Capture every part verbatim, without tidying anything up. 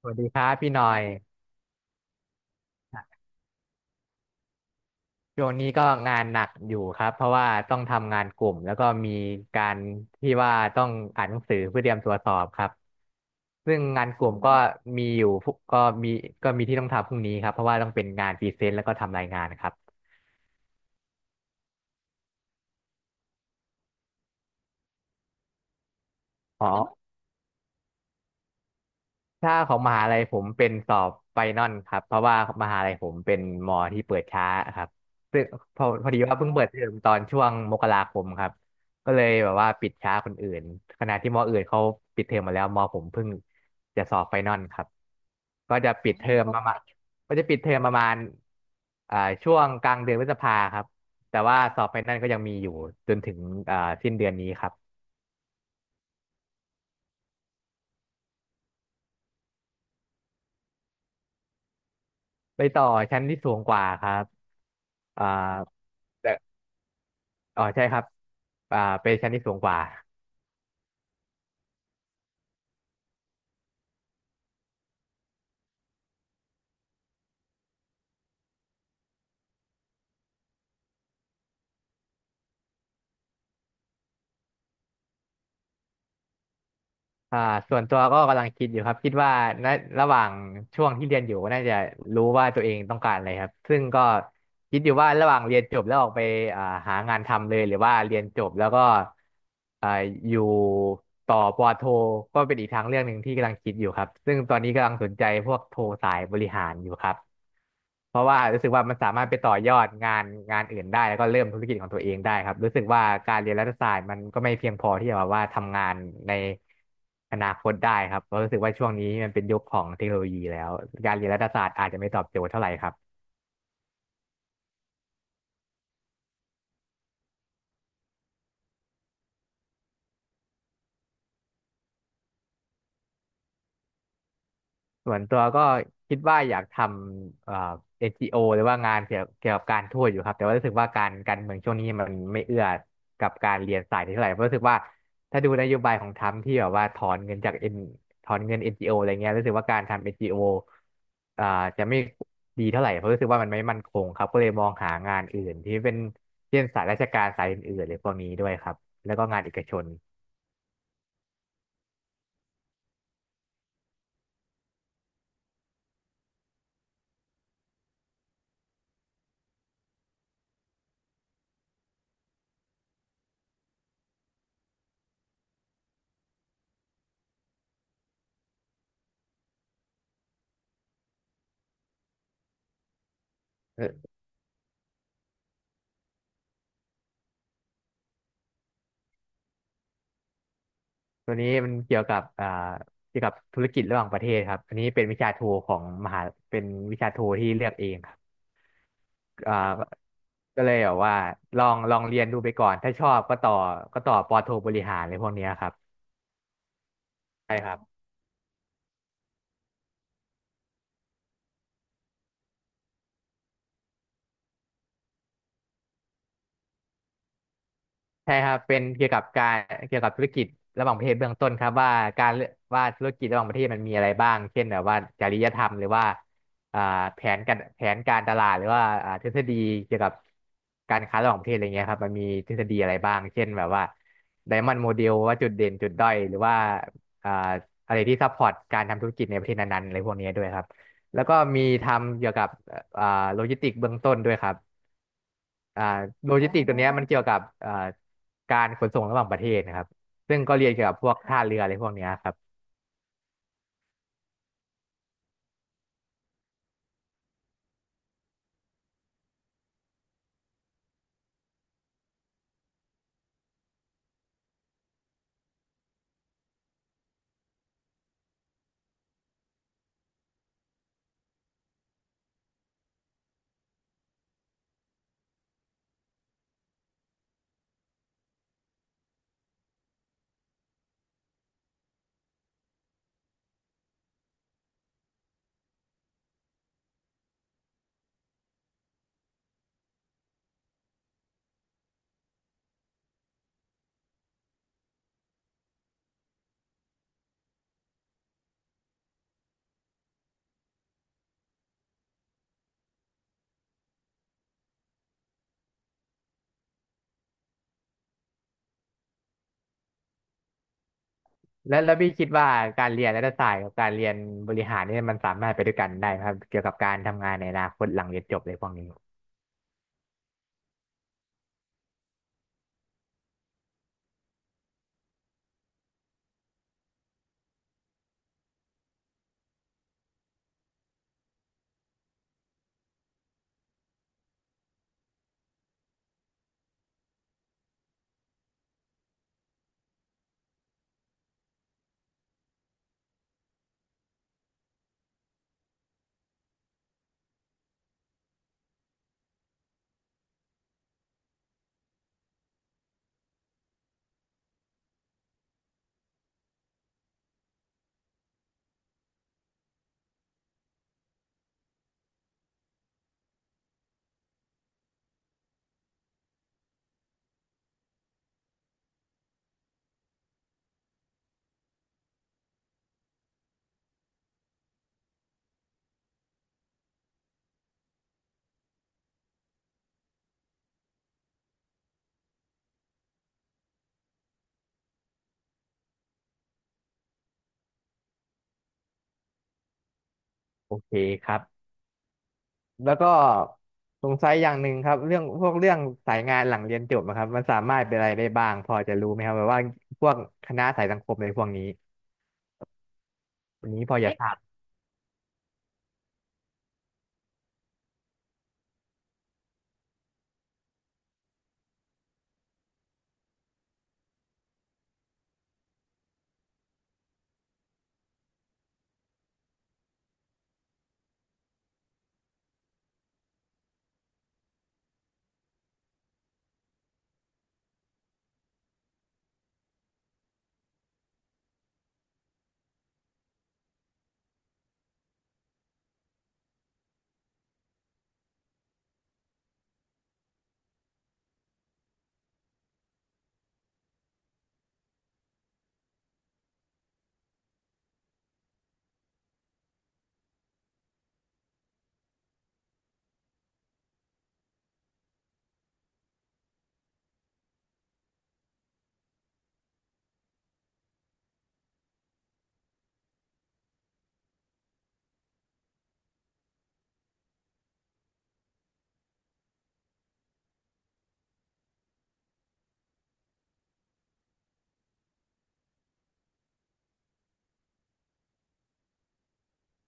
สวัสดีครับพี่หน่อยช่วงนี้ก็งานหนักอยู่ครับเพราะว่าต้องทำงานกลุ่มแล้วก็มีการที่ว่าต้องอ่านหนังสือเพื่อเตรียมตัวสอบครับซึ่งงานกลุ่มก็มีอยู่พวกก็มีก็มีที่ต้องทำพรุ่งนี้ครับเพราะว่าต้องเป็นงานพรีเซนต์แล้วก็ทำรายงานครับอ๋อ ถ้าของมหาลัยผมเป็นสอบไฟนอลครับเพราะว่ามหาลัยผมเป็นมอที่เปิดช้าครับซึ่งพอพอดีว่าเพิ่งเปิดเทอมตอนช่วงมกราคมครับก็เลยแบบว่าปิดช้าคนอื่นขณะที่มออื่นเขาปิดเทอมมาแล้วมอผมเพิ่งจะสอบไฟนอลครับก็จะปิดเทอมประมาณก็จะปิดเทอมประมาณอ่าช่วงกลางเดือนพฤษภาครับแต่ว่าสอบไฟนอลก็ยังมีอยู่จนถึงอ่าสิ้นเดือนนี้ครับไปต่อชั้นที่สูงกว่าครับอ่า อ๋อใช่ครับอ่าเป็นชั้นที่สูงกว่าอ่าส่วนตัวก็กำลังคิดอยู่ครับคิดว่าณระหว่างช่วงที่เรียนอยู่น่าจะรู้ว่าตัวเองต้องการอะไรครับซึ่งก็คิดอยู่ว่าระหว่างเรียนจบแล้วออกไปอ่าหางานทำเลยหรือว่าเรียนจบแล้วก็อ่าอยู่ต่อปอโทก็เป็นอีกทางเรื่องหนึ่งที่กำลังคิดอยู่ครับซึ่งตอนนี้กำลังสนใจพวกโทสายบริหารอยู่ครับ เพราะว่ารู้สึกว่ามันสามารถไปต่อยอดงานงานอื่นได้แล้วก็เริ่มธุรกิจของตัวเองได้ครับรู้สึกว่าการเรียนรัฐศาสตร์มันก็ไม่เพียงพอที่จะแบบว่าทำงานในอนาคตได้ครับเพราะรู้สึกว่าช่วงนี้มันเป็นยุคของเทคโนโลยีแล้วการเรียนรัฐศาสตร์อาจจะไม่ตอบโจทย์เท่าไหร่ครับ ส่วนตัวก็คิดว่าอยากทำเอ่อ เอ็น จี โอ หรือว่างานเกี่ยวเกี่ยวกับการทูตอยู่ครับแต่ว่ารู้สึกว่าการการเมืองช่วงนี้มันไม่เอื้อกับการเรียนสายนี้เท่าไหร่เพราะรู้สึกว่าถ้าดูนโยบายของทรัมป์ที่แบบว่าถอนเงินจากเอ็นถอนเงิน เอ็น จี โอ อนจีโออะไรเงี้ยรู้สึกว่าการทำ เอ็น จี โอ อนจีโออ่าจะไม่ดีเท่าไหร่เพราะรู้สึกว่ามันไม่มั่นคงครับก็เลยมองหางานอื่นที่เป็นเช่นสายราชการสายอื่นๆหรือพวกนี้ด้วยครับแล้วก็งานเอกชน ตัวนี้มันเกี่ยวกับอ่าเกี่ยวกับธุรกิจระหว่างประเทศครับอันนี้เป็นวิชาโทของมหาเป็นวิชาโทที่เลือกเองครับอ่าก็เลยแบบว่าลองลองเรียนดูไปก่อน ถ้าชอบก็ต่อก็ต่อปอโทบริหารอะไรพวกเนี้ยครับใช่ครับ ใช่ครับเป็นเกี่ยวกับการเกี่ยวกับธุรกิจระหว่างประเทศเบื้องต้นครับว่าการว่าธุรกิจระหว่างประเทศมันมีอะไรบ้างเช่นแบบว่าจริยธรรมหรือว่าอ่าแผนการแผนการตลาดหรือว่าอ่าทฤษฎีเกี่ยวกับการค้าระหว่างประเทศอะไรเงี้ยครับมันมีทฤษฎีอะไรบ้างเช่นแบบว่าไดมอนด์โมเดลว่าจุดเด่นจุดด้อยหรือว่าอ่าอะไรที่ซัพพอร์ตการทำธุรกิจในประเทศนั้นๆอะไรพวกเนี้ยด้วยครับแล้วก็มีทำเกี่ยวกับอ่าโลจิสติกเบื้องต้นด้วยครับ อ่าโลจิสอติกตัวเนี้ยมันเกี่ยวกับอ่าการขนส่งระหว่างประเทศนะครับซึ่งก็เรียนเกี่ยวกับพวกท่าเรืออะไรพวกเนี้ยครับแล้วแล้วพี่คิดว่าการเรียนรัฐศาสตร์กับการเรียนบริหารเนี่ยมันสามารถไปด้วยกันได้ไหมครับเกี่ยวกับการทำงานในอนาคตหลังเรียนจบอะไรพวกนี้โอเคครับแล้วก็สงสัยอย่างหนึ่งครับเรื่องพวกเรื่องสายงานหลังเรียนจบนะครับมันสามารถเป็นอะไรได้บ้างพอจะรู้ไหมครับแบบว่าพวกคณะสายสังคมอะไรพวกนี้วันนี้พอจอะทราบ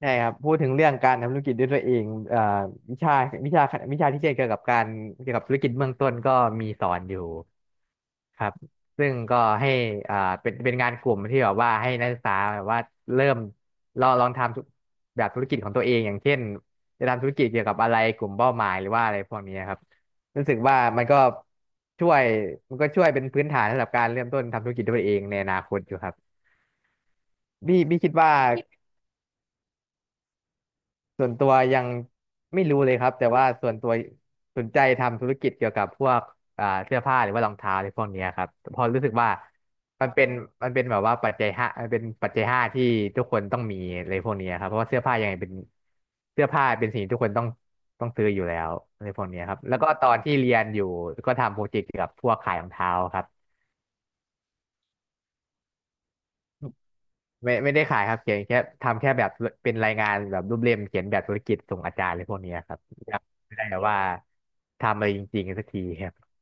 ใช่ครับพูดถึงเรื่องการทำธุรกิจด้วยตัวเองเอ่อวิชาวิชาวิชาที่เกี่ยวกับการเกี่ยวกับธุรกิจเบื้องต้นก็มีสอนอยู่ครับซึ่งก็ให้อ่าเป็นเป็นงานกลุ่มที่แบบว่าให้นักศึกษาแบบว่าเริ่มลองลองทำธุแบบธุรกิจของตัวเองอย่างเช่นจะทำธุรกิจเกี่ยวกับอะไรกลุ่มเป้าหมายหรือว่าอะไรพวกนี้ครับรู้สึกว่ามันก็ช่วยมันก็ช่วยเป็นพื้นฐานสำหรับการเริ่มต้นทำธุรกิจด้วยตัวเองในอนาคตอยู่ครับพี่พี่คิดว่า ส่วนตัวยังไม่รู้เลยครับแต่ว่าส่วนตัวสนใจทำธุรกิจเกี่ยวกับพวกอ่าเสื้อผ้าหรือว่ารองเท้าอะไรพวกเนี้ยครับเพอรู้สึกว่ามันเป็นมันเป็นแบบว่าปัจจัยห้ามันเป็นปัจจัยห้าที่ทุกคนต้องมีอะไรพวกเนี้ยครับเพราะว่าเสื้อผ้ายังไงเป็นเสื้อผ้าเป็นสิ่งที่ทุกคนต้องต้องซื้ออยู่แล้วอะไรพวกเนี้ยครับแล้วก็ตอนที่เรียนอยู่ก็ทำโปรเจกต์เกี่ยวกับพวกขายรองเท้าครับ ไม่ไม่ได้ขายครับเขียนแค่ทำแค่แบบเป็นรายงานแบบรูปเล่มเขียนแบบธุรกิจส่งอาจารย์อะไรพวกเนี้ยครับยังไม่ได้แบบว่าทำอะไรจริงๆสักทีครับ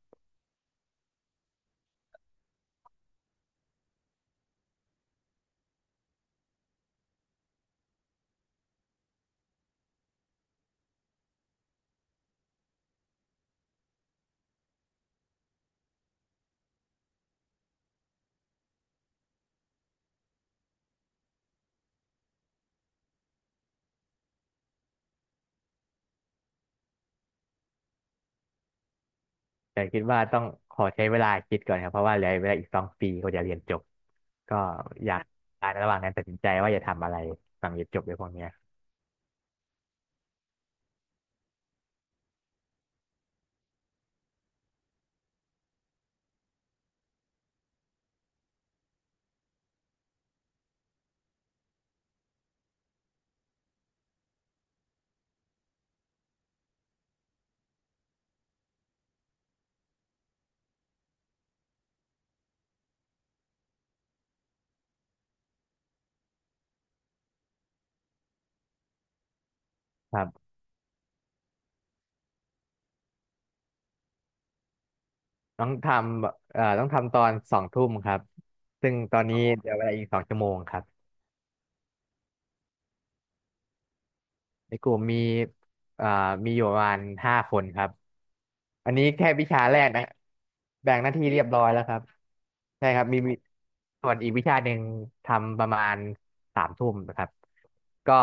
แต่คิดว่าต้องขอใช้เวลาคิดก่อนครับเพราะว่าเหลือเวลาอีกสองปีก็จะเรียนจบก็อยากอนระหว่างนั้นตัดสินใจว่าจะทำอะไรหลังเรียนจบในพวกเนี้ยครับต้องทำเอ่อต้องทำตอนสองทุ่มครับซึ่งตอนนี้เหลือเวลาอีกสองชั่วโมงครับ ในกลุ่มมีเอ่อมีอยู่ประมาณห้าคนครับ อันนี้แค่วิชาแรกนะ แบ่งหน้าที่เรียบร้อยแล้วครับใช่ครับมีมีส่วนอีกวิชาหนึ่งทำประมาณสามทุ่มนะครับ ก็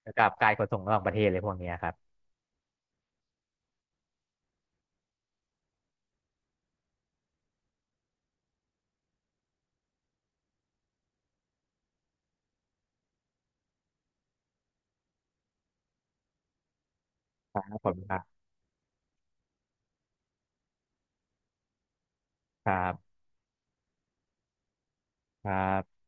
เกี่ยวกับการขนส่งระหว่างประเทศเลยพวกเนี้ยครับครับผมครับครับครับ